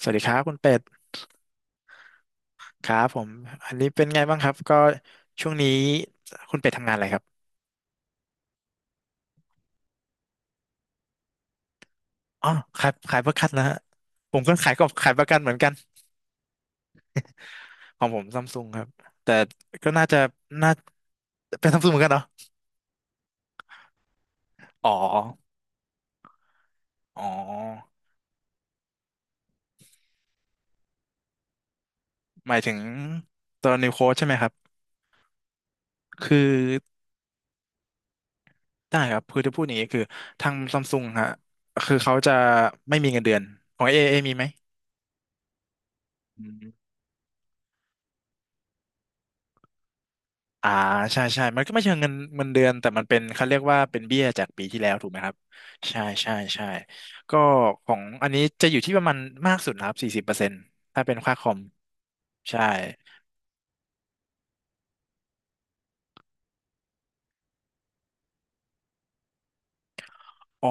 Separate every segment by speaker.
Speaker 1: สวัสดีครับคุณเป็ดครับผมอันนี้เป็นไงบ้างครับก็ช่วงนี้คุณเป็ดทำงานอะไรครับอ๋อขายประกันนะฮะผมก็ขายขายประกันเหมือนกันของผมซัมซุงครับแต่ก็น่าจะน่าเป็นซัมซุงเหมือนกันเนาะอ๋ออ๋อหมายถึงตัวนิวโค้ดใช่ไหมครับคือได้ครับคือจะพูดอย่างนี้คือทางซัมซุงฮะคือเขาจะไม่มีเงินเดือนของเอเอมีไหม อ่าใช่ใช่มันก็ไม่เชิงเงินเดือนแต่มันเป็นเขาเรียกว่าเป็นเบี้ยจากปีที่แล้วถูกไหมครับใช่ใช่ใช่ก็ของอันนี้จะอยู่ที่ประมาณมากสุดนะครับ40%ถ้าเป็นค่าคอมใช่ อ๋อ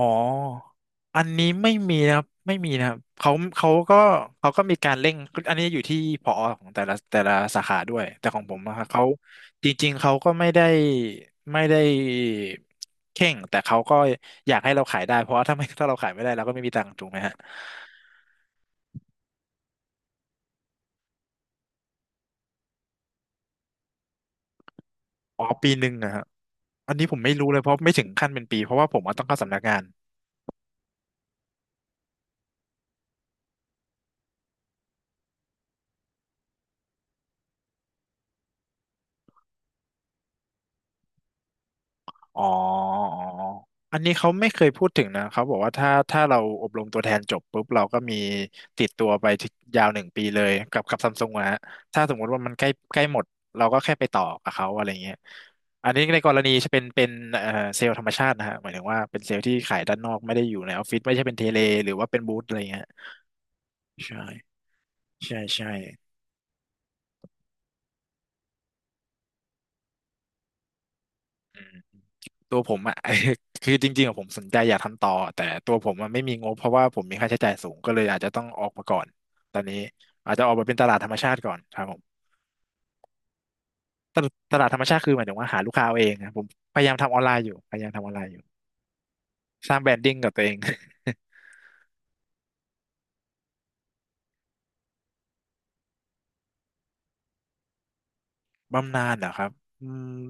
Speaker 1: อันนี้ไม่มีนะครับไม่มีนะครับเขาก็เขาก็มีการเร่งอันนี้อยู่ที่ผอของแต่ละสาขาด้วยแต่ของผมนะครับเขาจริงๆเขาก็ไม่ได้เข่งแต่เขาก็อยากให้เราขายได้เพราะว่าถ้าไม่ถ้าเราขายไม่ได้เราก็ไม่มีตังค์ถูกไหมฮะอ๋อปีหนึ่งนะครับอันนี้ผมไม่รู้เลยเพราะไม่ถึงขั้นเป็นปีเพราะว่าผมอะต้องเข้าสำนักงาน อ๋ออ๋อ อันนี้เขาไม่เคยพูดถึงนะเขาบอกว่าถ้าเราอบรมตัวแทนจบปุ๊บเราก็มีติดตัวไปที่ยาว1 ปีเลยกับซัมซุงอะฮะถ้าสมมติว่ามันใกล้ใกล้หมดเราก็แค่ไปต่อกับเขาอะไรเงี้ยอันนี้ในกรณีจะเป็นเซลล์ธรรมชาตินะฮะหมายถึงว่าเป็นเซลล์ที่ขายด้านนอกไม่ได้อยู่ในออฟฟิศไม่ใช่เป็นเทเลหรือว่าเป็นบูธอะไรเงี้ยใช่ใช่ใช่อืม ตัวผมอ่ะ คือจริงๆอะผมสนใจอยากทำต่อแต่ตัวผมอะไม่มีงบเพราะว่าผมมีค่าใช้จ่ายสูงก็เลยอาจจะต้องออกมาก่อนตอนนี้อาจจะออกมาเป็นตลาดธรรมชาติก่อนครับผมตลาดธรรมชาติคือหมายถึงว่าหาลูกค้าเอาเองนะผมพยายามทำออนไลน์อยู่สร้างแบรนดิ้งกับตัวเอง บำนาญเหรอครับอืม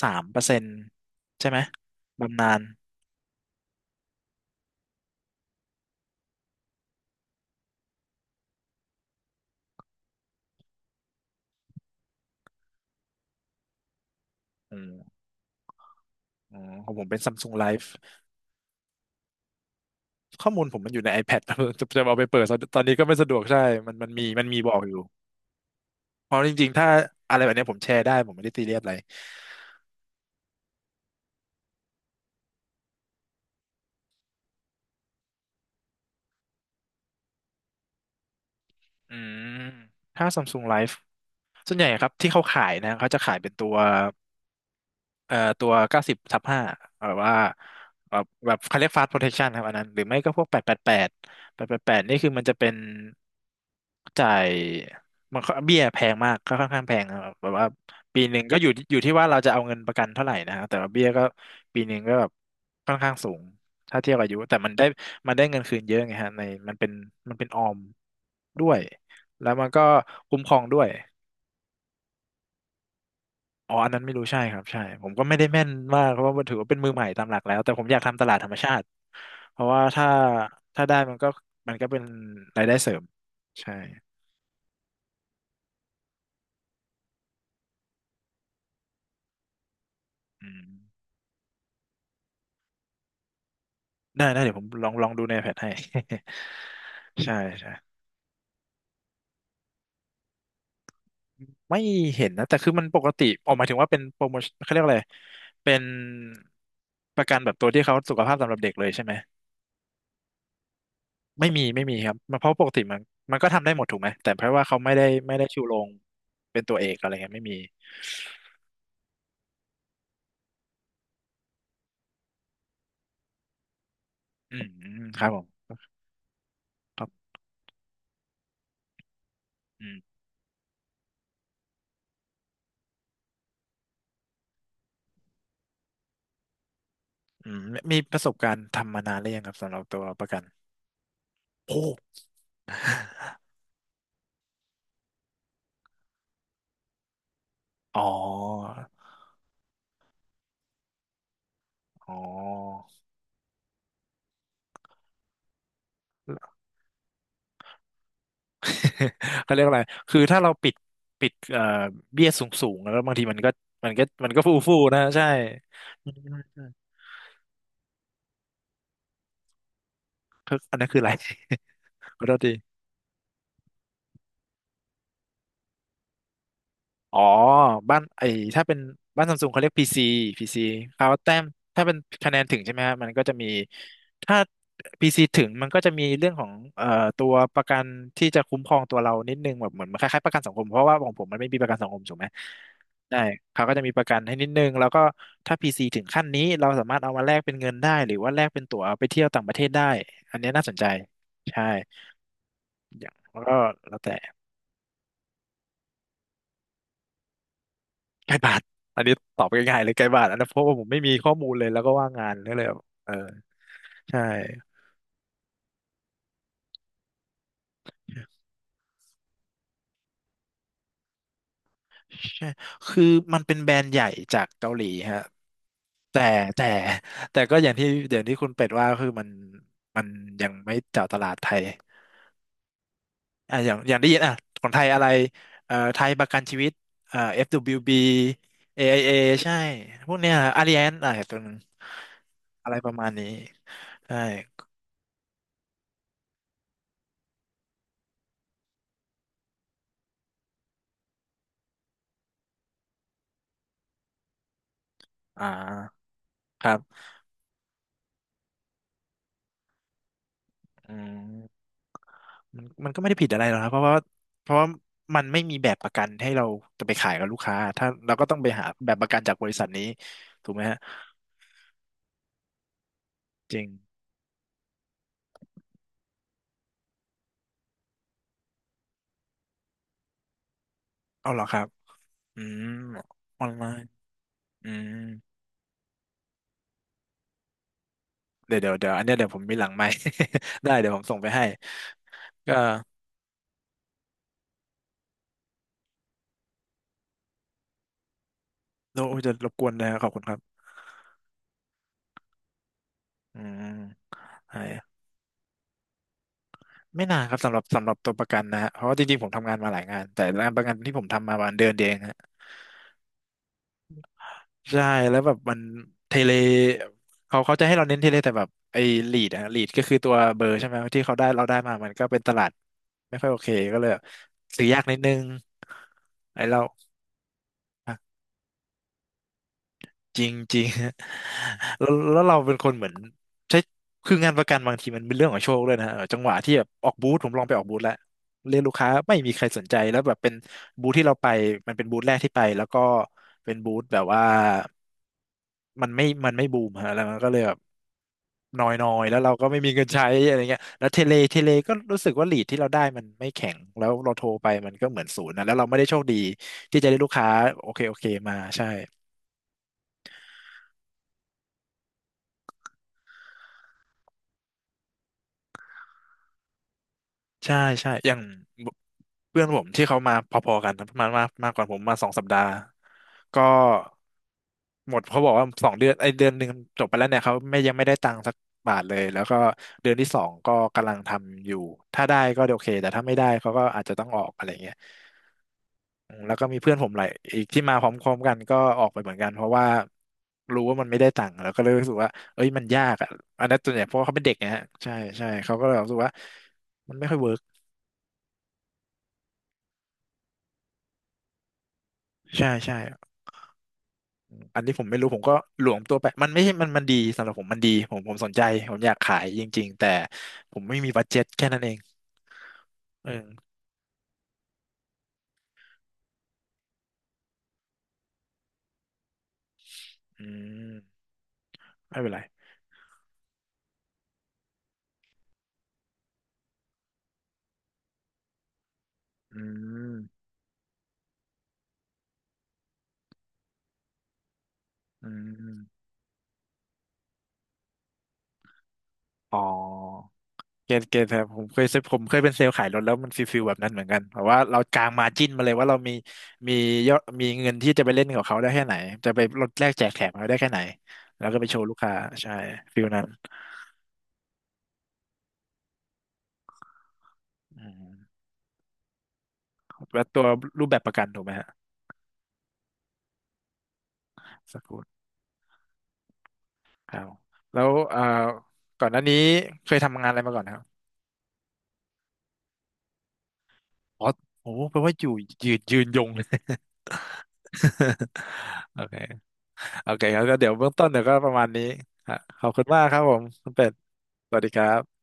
Speaker 1: 3%ใช่ไหมบำนาญอืมอ๋อของผมเป็น Samsung Life ข้อมูลผมมันอยู่ใน iPad จะ จะเอาไปเปิดตอนนี้ก็ไม่สะดวกใช่มันมีมันบอกอยู่ เพราะจริงๆ ถ้าอะไรแบบเนี้ยผมแชร์ได้ผมไม่ได้ตีเรียบอะไรอืมถ้า Samsung Live ส่วนใหญ่ครับที่เขาขายนะเขาจะขายเป็นตัว ตัว90/5แบบว่าแบบแบบเขาเรียกฟ a ส t p โปรเท t ชันครับอันนั้นหรือไม่ก็พวกแปดแปดแปดแปดแปดแปดนี่คือมันจะเป็นจ่ายมันเบี้ยแพงมากก็ค่อนข้างแพงนะครับแบบว่าปีหนึ่งก็อยู่ที่ว่าเราจะเอาเงินประกันเท่าไหร่นะครับแต่ว่าเบี้ยก็ปีหนึ่งก็แบบค่อนข้างสูงถ้าเทียบอายุแต่มันได้เงินคืนเยอะไงฮะในมันเป็นมันเป็นออมด้วยแล้วมันก็คุ้มครองด้วย อ๋ออันนั้นไม่รู้ใช่ครับใช่ผมก็ไม่ได้แม่นมากเพราะว่าถือว่าเป็นมือใหม่ตามหลักแล้ว แต่ผมอยากทำตลาดธรรมชาติ เพราะว่าถ้าถ้าได้มันก็มันก็เป็นรายได้เสริมใช่อืมได้ได้เดี๋ยวผมลองดูในแพทให้ ใช่ใช่ ไม่เห็นนะแต่คือมันปกติออกหมายถึงว่าเป็นโปรโมชั่นเขาเรียกอะไรเป็นประกันแบบตัวที่เขาสุขภาพสำหรับเด็กเลยใช่ไหม ไม่มีครับมันเพราะปกติมันมันก็ทำได้หมดถูกไหมแต่เพราะว่าเขาไม่ได้ชูโรงเป็นตัวเอกอะไรเงี้ยไม่มี อืมครับผมครับอืมอืมมีประสบการณ์ทำมานานหรือยังครับสำหรับตัวประกันโอ้ อ๋ออ๋อ เขาเรียกอะไรคือถ้าเราปิดเบี้ยสูงแล้วบางทีมันก็มันก็ฟูฟูนะใช่อืมคืออันนั้นคืออะไร ขอโทษที อ๋อบ้านไอ้ถ้าเป็นบ้านซัมซุงเขาเรียก PC PC เขาแต้มถ้าเป็นคะแนนถึงใช่ไหมฮะมันก็จะมีถ้า PC ถึงมันก็จะมีเรื่องของตัวประกันที่จะคุ้มครองตัวเรานิดนึงแบบเหมือนคล้ายๆประกันสังคมเพราะว่าของผมมันไม่มีประกันสังคมถูกไหมได้เขาก็จะมีประกันให้นิดนึงแล้วก็ถ้า PC ถึงขั้นนี้เราสามารถเอามาแลกเป็นเงินได้หรือว่าแลกเป็นตั๋วไปเที่ยวต่างประเทศได้อันนี้น่าสนใจใช่อย่างแล้วก็แล้วแต่ ใกล้บาท อันนี้ตอบง่ายๆเลยใกล้บาทอันนั้นเพราะว่าผมไม่มีข้อมูลเลยแล้วก็ว่างงานก็เลยแบบเออใช่ใช่ คือมันเป็นแบรนด์ใหญ่จากเกาหลีฮะแต่แต่แต่ก็อย่างที่เดี๋ยวที่คุณเป็ดว่าคือมันยังไม่เจาะตลาดไทยอ่ะอย่างอย่างได้ยินอ่ะของไทยอะไรไทยประกันชีวิตเอ่อ FWB AIA ใช่ พวกเนี้ยอาริแอนอ่ะตัวนึงอะไรประมาณนี้ ใช่อ่าครับอืม มันมันก็ไม่ได้ผิดอะไรหรอกครับเพราะว่าเพราะว่ามันไม่มีแบบประกันให้เราจะไปขายกับลูกค้าถ้าเราก็ต้องไปหาแบบประกันจากบริษัทนี้ถูกไหมฮะจริงเอาเหรอครับอืมออนไลน์อืมเดี๋ยวเดี๋ยวเดี๋ยวอันเนี้ยเดี๋ยวผมมีหลังไมค์ ได้เดี๋ยวผมส่งไปให้ก็โอ้ยจะรบกวนนะครับขอบคุณครับอืมใช่ไม่นานครับสำหรับสำหรับตัวประกันนะฮะเพราะว่าจริงๆผมทำงานมาหลายงานแต่งานประกันที่ผมทำมาประมาณเดือนเดียวเอง ใช่แล้วแบบมันเทเลเขาเขาจะให้เราเน้นเทเลแต่แบบไอ้ลีดอะลีดก็คือตัวเบอร์ใช่ไหมที่เขาได้เราได้มามันก็เป็นตลาดไม่ค่อยโอเคก็เลยแบบซื้อยากนิดนึงไอ้เราอะจริงจริง แล้วแล้วเราเป็นคนเหมือนใช้คืองานประกันบางทีมันเป็นเรื่องของโชคด้วยนะเออจังหวะที่แบบออกบูธผมลองไปออกบูธแล้วเรียกลูกค้าไม่มีใครสนใจแล้วแบบเป็นบูธที่เราไปมันเป็นบูธแรกที่ไปแล้วก็เป็นบูธแบบว่ามันไม่บูมฮะแล้วมันก็เลยแบบ น้อยๆ แล้วเราก็ไม่มีเงินใช้อะไรเงี้ยแล้วเทเลก็รู้สึกว่าลีดที่เราได้มันไม่แข็ง แล้วเราโทรไปมันก็เหมือนศูนย์นะแล้วเราไม่ได้โชคดีที่จะได้ลูกค้าโอเคโอเคมาใช่ ใช่ใช่อย่างเพื่อนผมที่เขามาพอๆกันนะประมาณมามากกว่าผมมาสองสัปดาห์ก็หมดเขาบอกว่าสองเดือนไอเดือนหนึ่งจบไปแล้วเนี่ยเขาไม่ยังไม่ได้ตังค์สักบาทเลยแล้วก็เดือนที่สองก็กำลังทำอยู่ถ้าได้ก็โอเคแต่ถ้าไม่ได้เขาก็อาจจะต้องออกอะไรเงี้ยอืมแล้วก็มีเพื่อนผมหลายอีกที่มาพร้อมๆกันก็ออกไปเหมือนกันเพราะว่ารู้ว่ามันไม่ได้ตังค์แล้วก็เลยรู้สึกว่าเอ้ยมันยากอ่ะอันนั้นตัวนใหญ่เพราะว่าเขาเป็นเด็กนะฮะใช่ใช่เขาก็เลยรู้สึกว่า มันไม่ค่อยเวิร์กใช่ใช่อันนี้ผมไม่รู้ผมก็หลวมตัวไปมันไม่ใช่มันมันดีสำหรับผมมันดีผมสนใจผมอยากขายจริงๆแต่ผมไม่มีบัดเจ็ตแค่นั้นเองเอออืมไม่เป็นไรอืมอืมอ๋อเกณฑ์แต่ผมเคยซื้อผมเคยเป็นเซลล์ขายรถแล้วมันฟิลแบบนั้นเหมือนกันแบบว่าเรากางมาจิ้นมาเลยว่าเรามียอดมีเงินที่จะไปเล่นกับเขาได้แค่ไหนจะไปลดแลกแจกแถมเขาได้แค่ไหนแล้วก็ไปโชว์ลูกค้าใช่ฟิลนั้นอืมแล้วตัวรูปแบบประกันถูกไหมฮะ สกูตครับแล้วก่อนหน้านี้เคยทำงานอะไรมาก่อนครับอ๋อโอ้โหแปลว่าอยู่ยืนยงเลย โอเคโอเคครับก็เดี๋ยวเบื้องต้นเดี๋ยวก็ประมาณนี้ฮะขอบคุณมากครับผมคุณเป็ดสวัสดีครับ